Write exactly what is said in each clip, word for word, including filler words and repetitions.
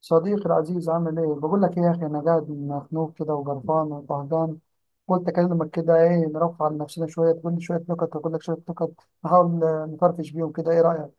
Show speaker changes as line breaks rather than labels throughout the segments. صديقي العزيز عامل ايه؟ بقول لك ايه يا اخي، انا قاعد مخنوق كده وقرفان وطهجان. قلت اكلمك كده، ايه نرفع عن نفسنا شويه، تقول لي شويه نكت اقول لك شويه نكت. نحاول آه، نفرفش بيهم كده، ايه رايك؟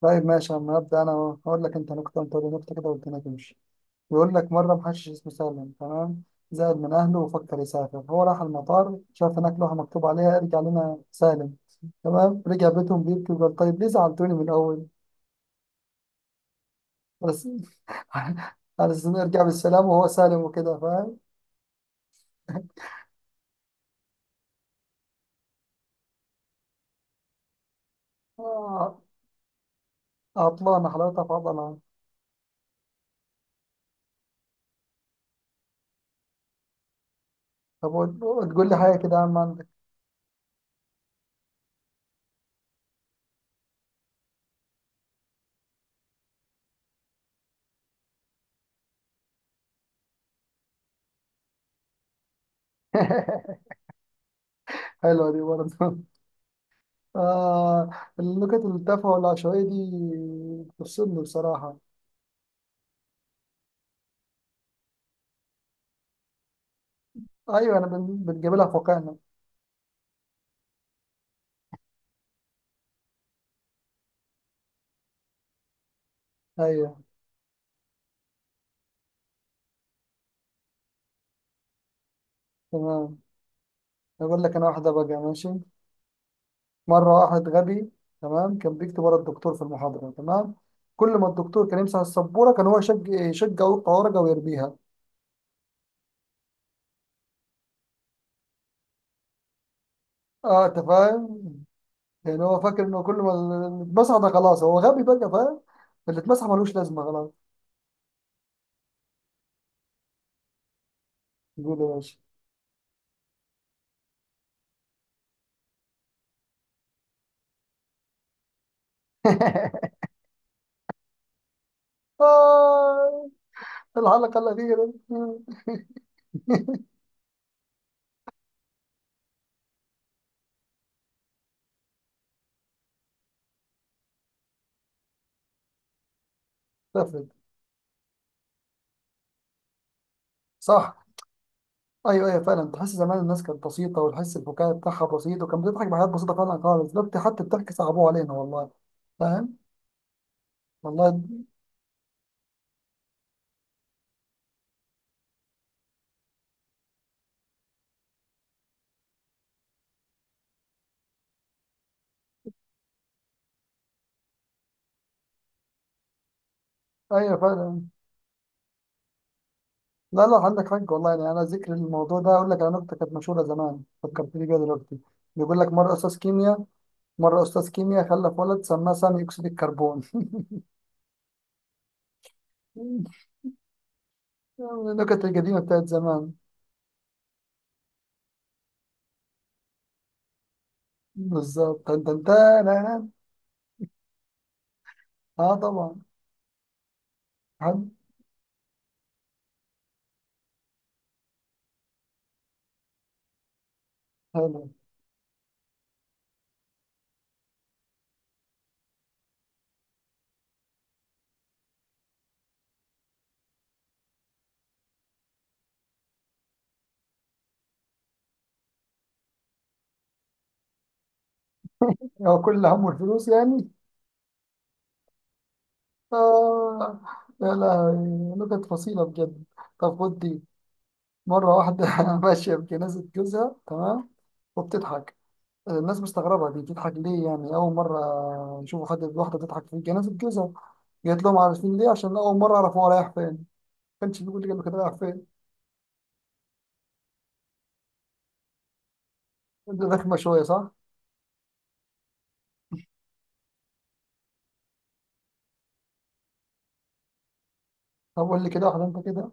طيب ماشي، اما ابدا انا. هقول لك انت نكته وانت تقول لي نكته كده والدنيا تمشي. بيقول لك مره محشش اسمه سالم، تمام، زعل من اهله وفكر يسافر، هو راح المطار شاف هناك لوحه مكتوب عليها ارجع لنا سالم. تمام رجع بيتهم بيبكي وقال طيب ليه زعلتوني من الاول؟ بس على أساس إنه يرجع بالسلام وهو سالم وكده، فاهم؟ آه، عطلانة حلاوتها في عضلها. طب تقول لي حاجة كده يا عم، عندك؟ حلوة دي برضه. آه. النكت التافهة والعشوائية دي بتفصلني بصراحة. أيوة، أنا بن- بنجيب لها في واقعنا. أيوة. تمام. أقول لك أنا واحدة بقى، ماشي. مرة واحد غبي، تمام، كان بيكتب ورا الدكتور في المحاضرة، تمام. كل ما الدكتور كان يمسح السبورة كان هو يشج- يشجع ويقطع ورقة ويرميها. اه انت فاهم؟ يعني هو فاكر انه كل ما اللي اتمسح ده خلاص، هو غبي بقى، فاهم؟ اللي اتمسح ملوش لازمه خلاص. يقول يا باشا آه الحلقه الاخيره. لفت. صح. ايوه ايوه فعلا، تحس زمان الناس كانت بسيطه، وتحس البكاء بتاعها بسيط، وكانت بتضحك بحاجات بسيطه فعلا خالص. دلوقتي حتى الضحك صعبوه علينا والله. فاهم؟ والله. ايوه فعلا. لا لا عندك حق والله، يعني انا ذكر الموضوع ده اقول لك على نكته كانت مشهوره زمان فكرتني بيها دلوقتي. بيقول لك مره استاذ كيمياء مره استاذ كيمياء خلف ولد سماه سامي اكسيد الكربون. النكت القديمة بتاعت زمان. بالظبط، تن تن تن تن. اه طبعا. حلو. حلو. هو كل اللي همه الفلوس يعني. اه. يا لهوي، نكت فصيلة بجد. طب خد دي. مرة واحدة ماشية بجنازة جوزها، تمام، وبتضحك. الناس مستغربة دي بتضحك ليه، يعني أول مرة يشوفوا حد واحدة بتضحك في جنازة جوزها. قالت لهم عارفين ليه؟ عشان أول مرة عرفوا هو رايح فين، ما كانش بيقول لي كان رايح فين. رخمة شوية صح؟ طب قول لي كده واحدة أنت كده.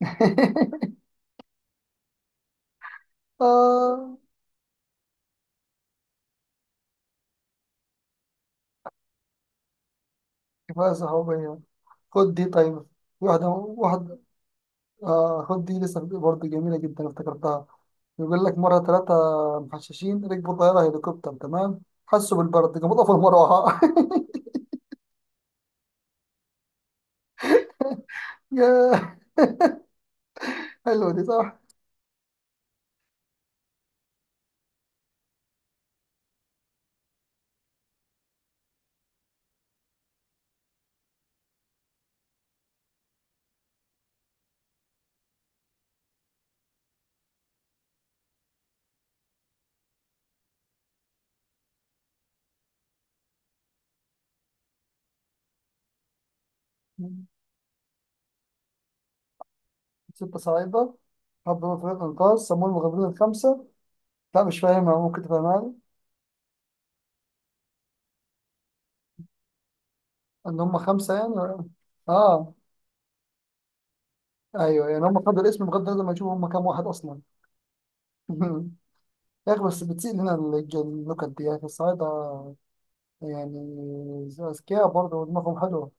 آه. كفاية صحوبية. خد دي طيب، واحدة. واحد آه، خد دي لسه برضه جميلة جدا افتكرتها. يقول لك مرة ثلاثة محششين ركبوا طيارة هليكوبتر، تمام، حسوا بالبرد قاموا طفوا المروحة. ياه، حلوة دي صح. ستة صعيدة حبوا فريق إنقاذ سموه المغامرين الخمسة. لا مش فاهمها، ممكن تفهمها لي؟ إن هم خمسة يعني؟ آه. أيوه يعني هم خدوا الاسم بغض النظر ما يشوفوا هم كام واحد أصلا. يا أخي، بس بتسيء لنا الج- النكت دي يا أخي، الصعايدة يعني أذكياء برضه ودماغهم حلوة.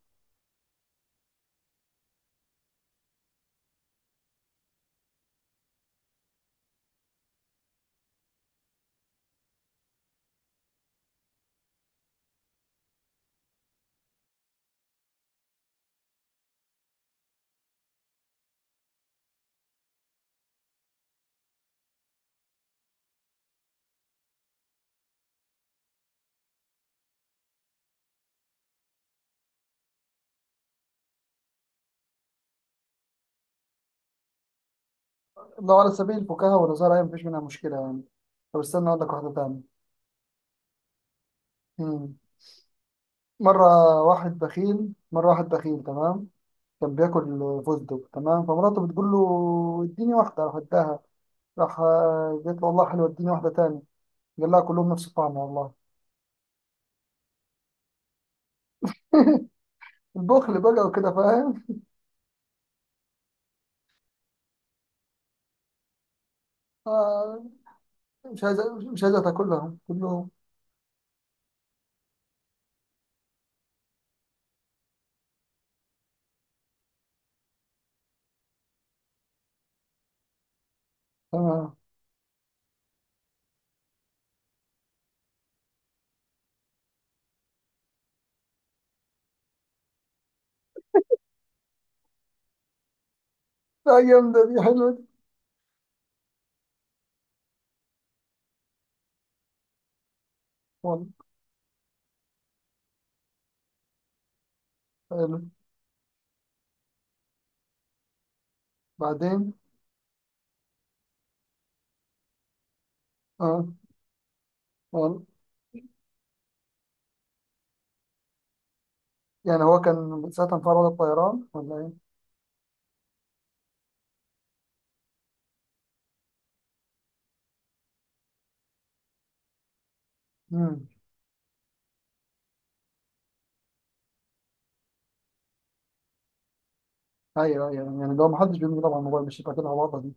لو على سبيل الفكاهة والهزار أيوة مفيش منها مشكلة يعني. طب استنى أقول لك واحدة تانية. مم. مرة واحد بخيل مرة واحد بخيل تمام، كان بياكل فستق، تمام، فمراته بتقول له اديني واحدة، راح اداها. راح آه، قالت له والله حلوة، اديني واحدة تاني. قال لها كلهم نفس الطعم والله. البخل بقى وكده، فاهم؟ آه. مش عايز، مش عايزة تاكلهم كلهم. تمام. لا جامدة دي، حلوة دي. والله. حلو. بعدين. اه اه يعني. هو كان ساعتها انفرد الطيران ولا ايه؟ امم. ايوه ايوه، يعني لو ما حدش بيملي طبعا الموبايل مش هيبقى كده الوضع دي.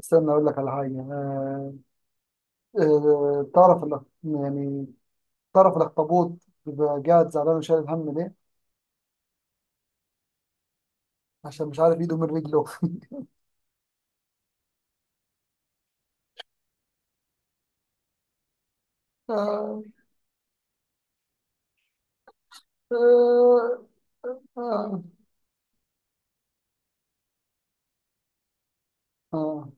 استنى اقول لك على حاجه، آه. آه، تعرف الأخ- يعني تعرف الاخطبوط بيبقى قاعد زعلان وشايل الهم ليه؟ عشان مش عارف ايده من رجله. آه. آه. آه. آه. آه،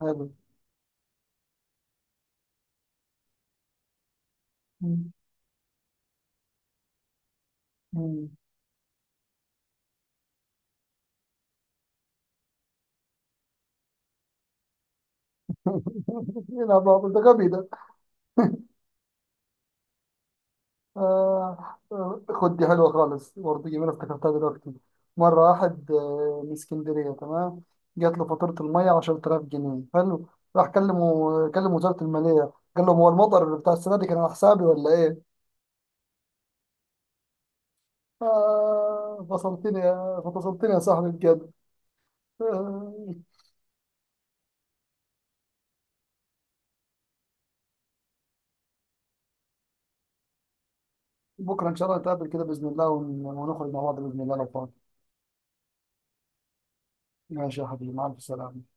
حلو. مم. مم. يلعب عبط، ده غبي ده. آه. آه، خد دي حلوة خالص برضه، جميلة افتكرتها دلوقتي. مرة واحد آه، من اسكندرية، تمام، جات له فاتورة المية عشرة آلاف جنيه، حلو. راح كلمه، كلم وزارة المالية، قال لهم هو المطر بتاع السنة دي كان على حسابي ولا إيه؟ آه فصلتني يا فصلتني يا صاحبي بجد. آه. بكرة إن شاء الله نتقابل كده بإذن الله ون- ونخرج مع بعض بإذن الله لو فاضي. ماشي يا حبيبي، مع ألف سلامة.